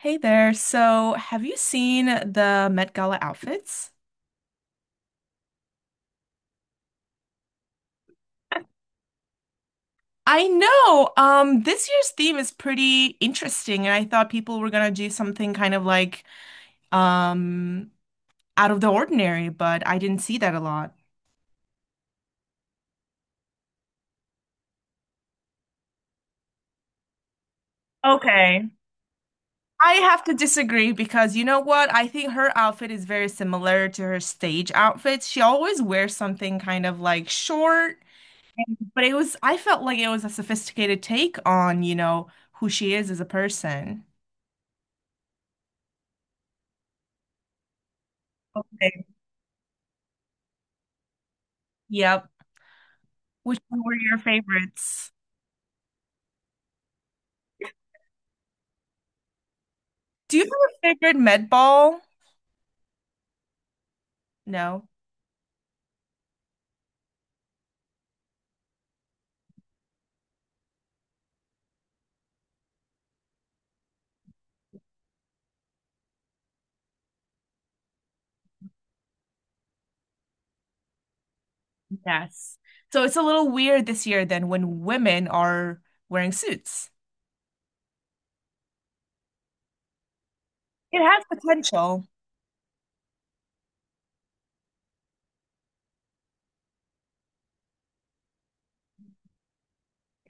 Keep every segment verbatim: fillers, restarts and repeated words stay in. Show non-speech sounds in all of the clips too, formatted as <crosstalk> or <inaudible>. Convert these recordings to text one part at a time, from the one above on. Hey there. So, have you seen the Met Gala outfits? I know. Um, this year's theme is pretty interesting, and I thought people were gonna do something kind of like um out of the ordinary, but I didn't see that a lot. Okay. I have to disagree because you know what? I think her outfit is very similar to her stage outfits. She always wears something kind of like short, but it was, I felt like it was a sophisticated take on, you know, who she is as a person. Okay. Yep. Which one were your favorites? Do you have a favorite med ball? No. Yes. So it's a little weird this year then when women are wearing suits. It has potential.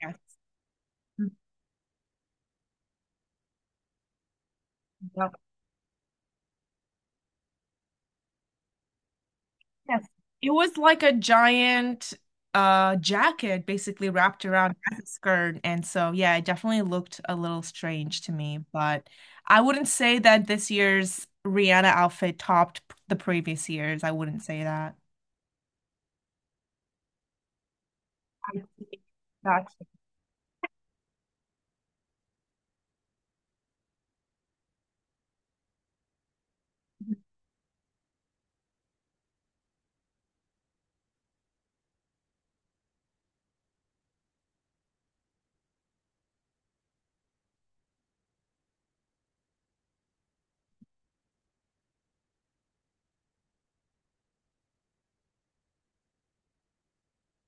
Yes. Mhm. Yep. Yes. It was like a giant uh jacket basically wrapped around as a skirt. And so yeah, it definitely looked a little strange to me, but I wouldn't say that this year's Rihanna outfit topped p- the previous years. I wouldn't say that. I see. Gotcha.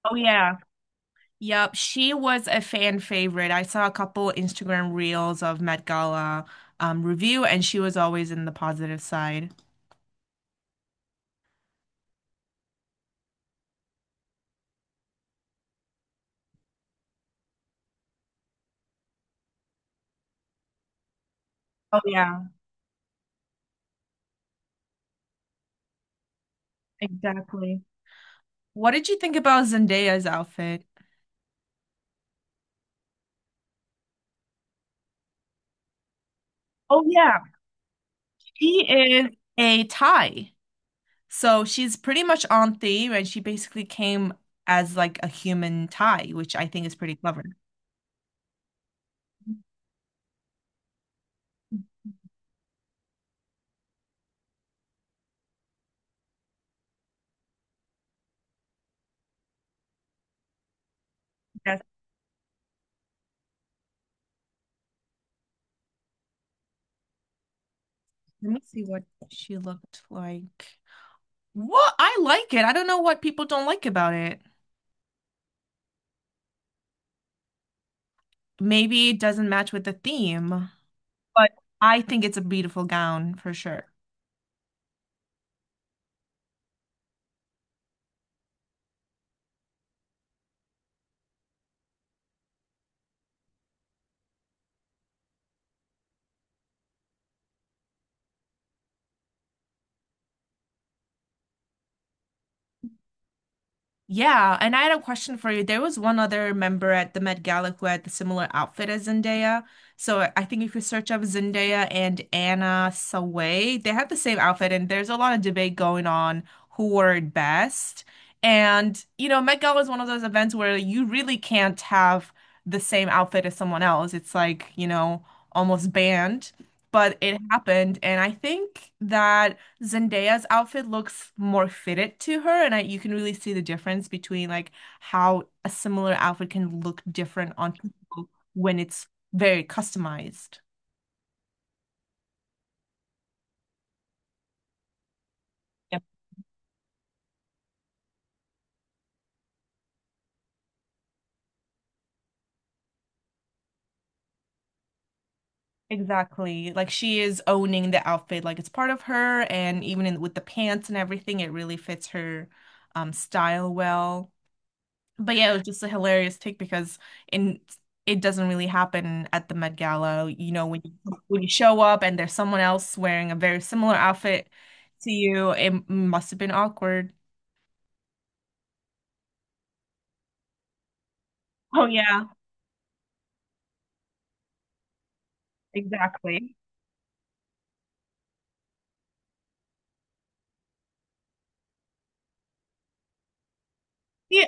Oh yeah. Yep. She was a fan favorite. I saw a couple Instagram reels of Met Gala um, review, and she was always in the positive side. Oh yeah, exactly. What did you think about Zendaya's outfit? Oh yeah, she is a Thai. So she's pretty much on theme, and she basically came as like a human Thai, which I think is pretty clever. Yes. Let me see what she looked like. What? I like it. I don't know what people don't like about it. Maybe it doesn't match with the theme, but I think it's a beautiful gown for sure. Yeah, and I had a question for you. There was one other member at the Met Gala who had the similar outfit as Zendaya. So I I think if you search up Zendaya and Anna Sawai, they had the same outfit, and there's a lot of debate going on who wore it best. And you know, Met Gala is one of those events where you really can't have the same outfit as someone else. It's like, you know, almost banned. But it happened, and I think that. Zendaya's outfit looks more fitted to her, and I, you can really see the difference between like how a similar outfit can look different on people when it's very customized. Yep. Exactly. Like she is owning the outfit, like it's part of her, and even in, with the pants and everything, it really fits her um, style well. But yeah, it was just a hilarious take because in it doesn't really happen at the Met Gala. You know, when you when you show up and there's someone else wearing a very similar outfit to you, it must have been awkward. Oh yeah, exactly. Yeah,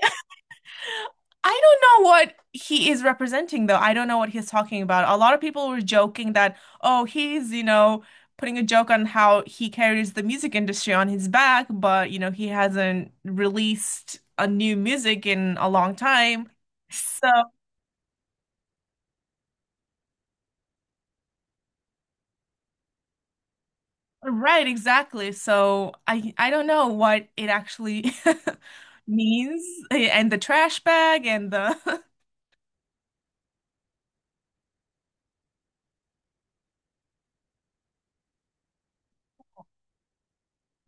I don't know what he is representing, though. I don't know what he's talking about. A lot of people were joking that, oh, he's, you know, putting a joke on how he carries the music industry on his back, but, you know, he hasn't released a new music in a long time. So, right, exactly. So I I don't know what it actually <laughs> means, and the trash bag and the <laughs>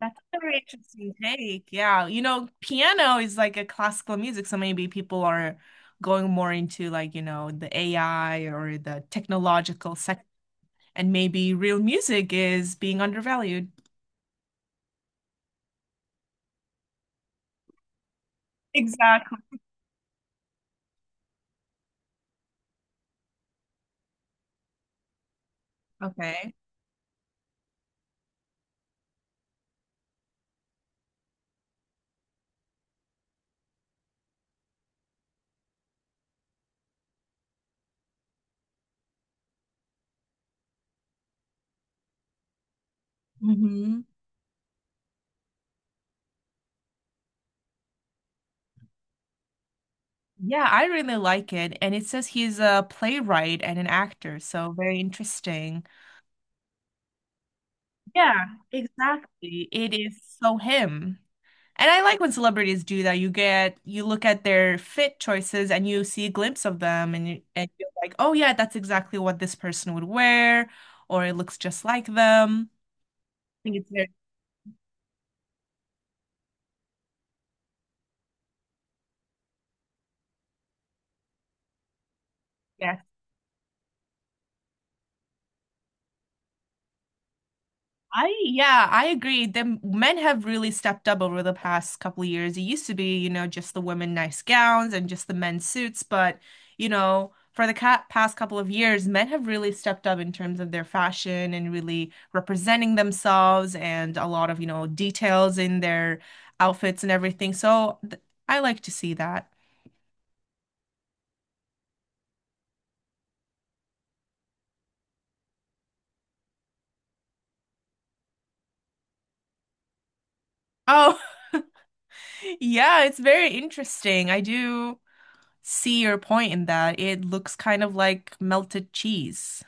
That's a very interesting take. Yeah. You know, piano is like a classical music, so maybe people are going more into like, you know, the A I or the technological sec and maybe real music is being undervalued. Exactly. Okay. Hmm. Yeah, I really like it. And it says he's a playwright and an actor, so very interesting. Yeah, exactly. It is so him. And I like when celebrities do that. You get you look at their fit choices and you see a glimpse of them and you, and you're like, "Oh yeah, that's exactly what this person would wear," or it looks just like them. I think it's very, yeah, I yeah, I agree. The men have really stepped up over the past couple of years. It used to be, you know, just the women nice gowns and just the men suits, but you know, for the ca past couple of years, men have really stepped up in terms of their fashion and really representing themselves and a lot of, you know, details in their outfits and everything. So th I like to see that. Oh, <laughs> yeah, it's very interesting. I do see your point in that. It looks kind of like melted cheese.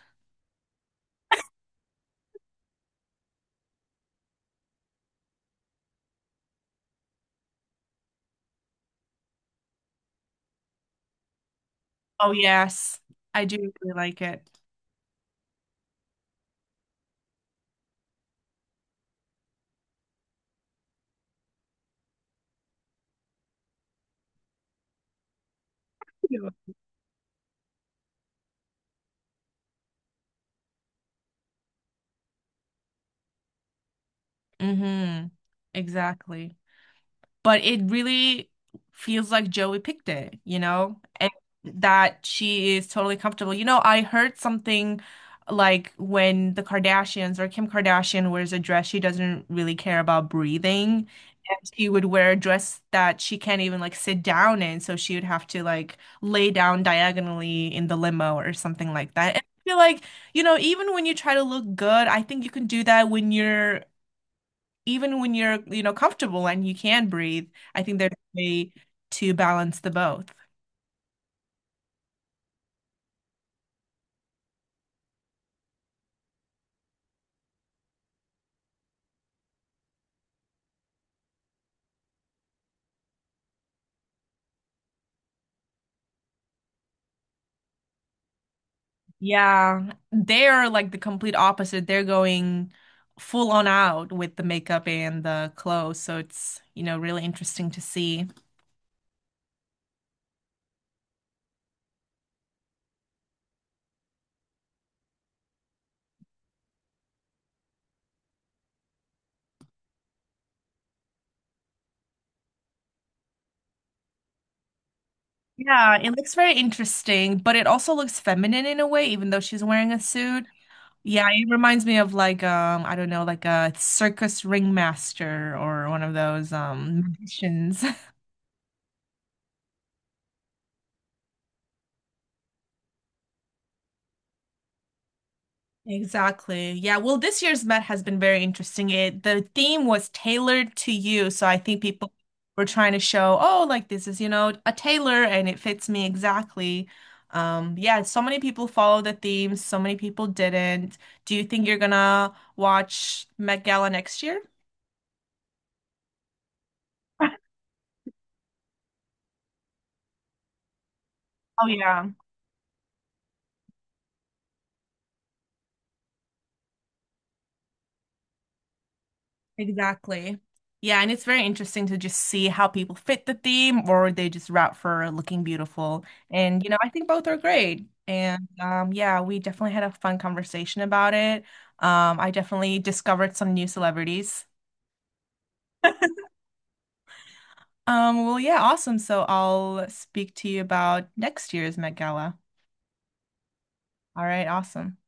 Oh yes, I do really like it. Mm-hmm. Exactly. But it really feels like Joey picked it, you know, and that she is totally comfortable. You know, I heard something like when the Kardashians or Kim Kardashian wears a dress, she doesn't really care about breathing. And she would wear a dress that she can't even like sit down in, so she would have to like lay down diagonally in the limo or something like that. And I feel like, you know, even when you try to look good, I think you can do that when you're even when you're, you know, comfortable and you can breathe, I think there's a way to balance the both. Yeah, they're like the complete opposite. They're going full on out with the makeup and the clothes, so it's, you know, really interesting to see. Yeah, it looks very interesting, but it also looks feminine in a way, even though she's wearing a suit. Yeah, it reminds me of like um, I don't know, like a circus ringmaster or one of those um magicians. <laughs> Exactly. Yeah. Well, this year's Met has been very interesting. It The theme was tailored to you, so I think people were trying to show, oh, like this is, you know, a tailor and it fits me exactly. Um, yeah, so many people followed the theme, so many people didn't. Do you think you're gonna watch Met Gala next year? <laughs> Oh yeah. Exactly. Yeah, and it's very interesting to just see how people fit the theme or they just route for looking beautiful. And you know, I think both are great. And um yeah, we definitely had a fun conversation about it. Um I definitely discovered some new celebrities. <laughs> Um well yeah, awesome. So I'll speak to you about next year's Met Gala. All right, awesome.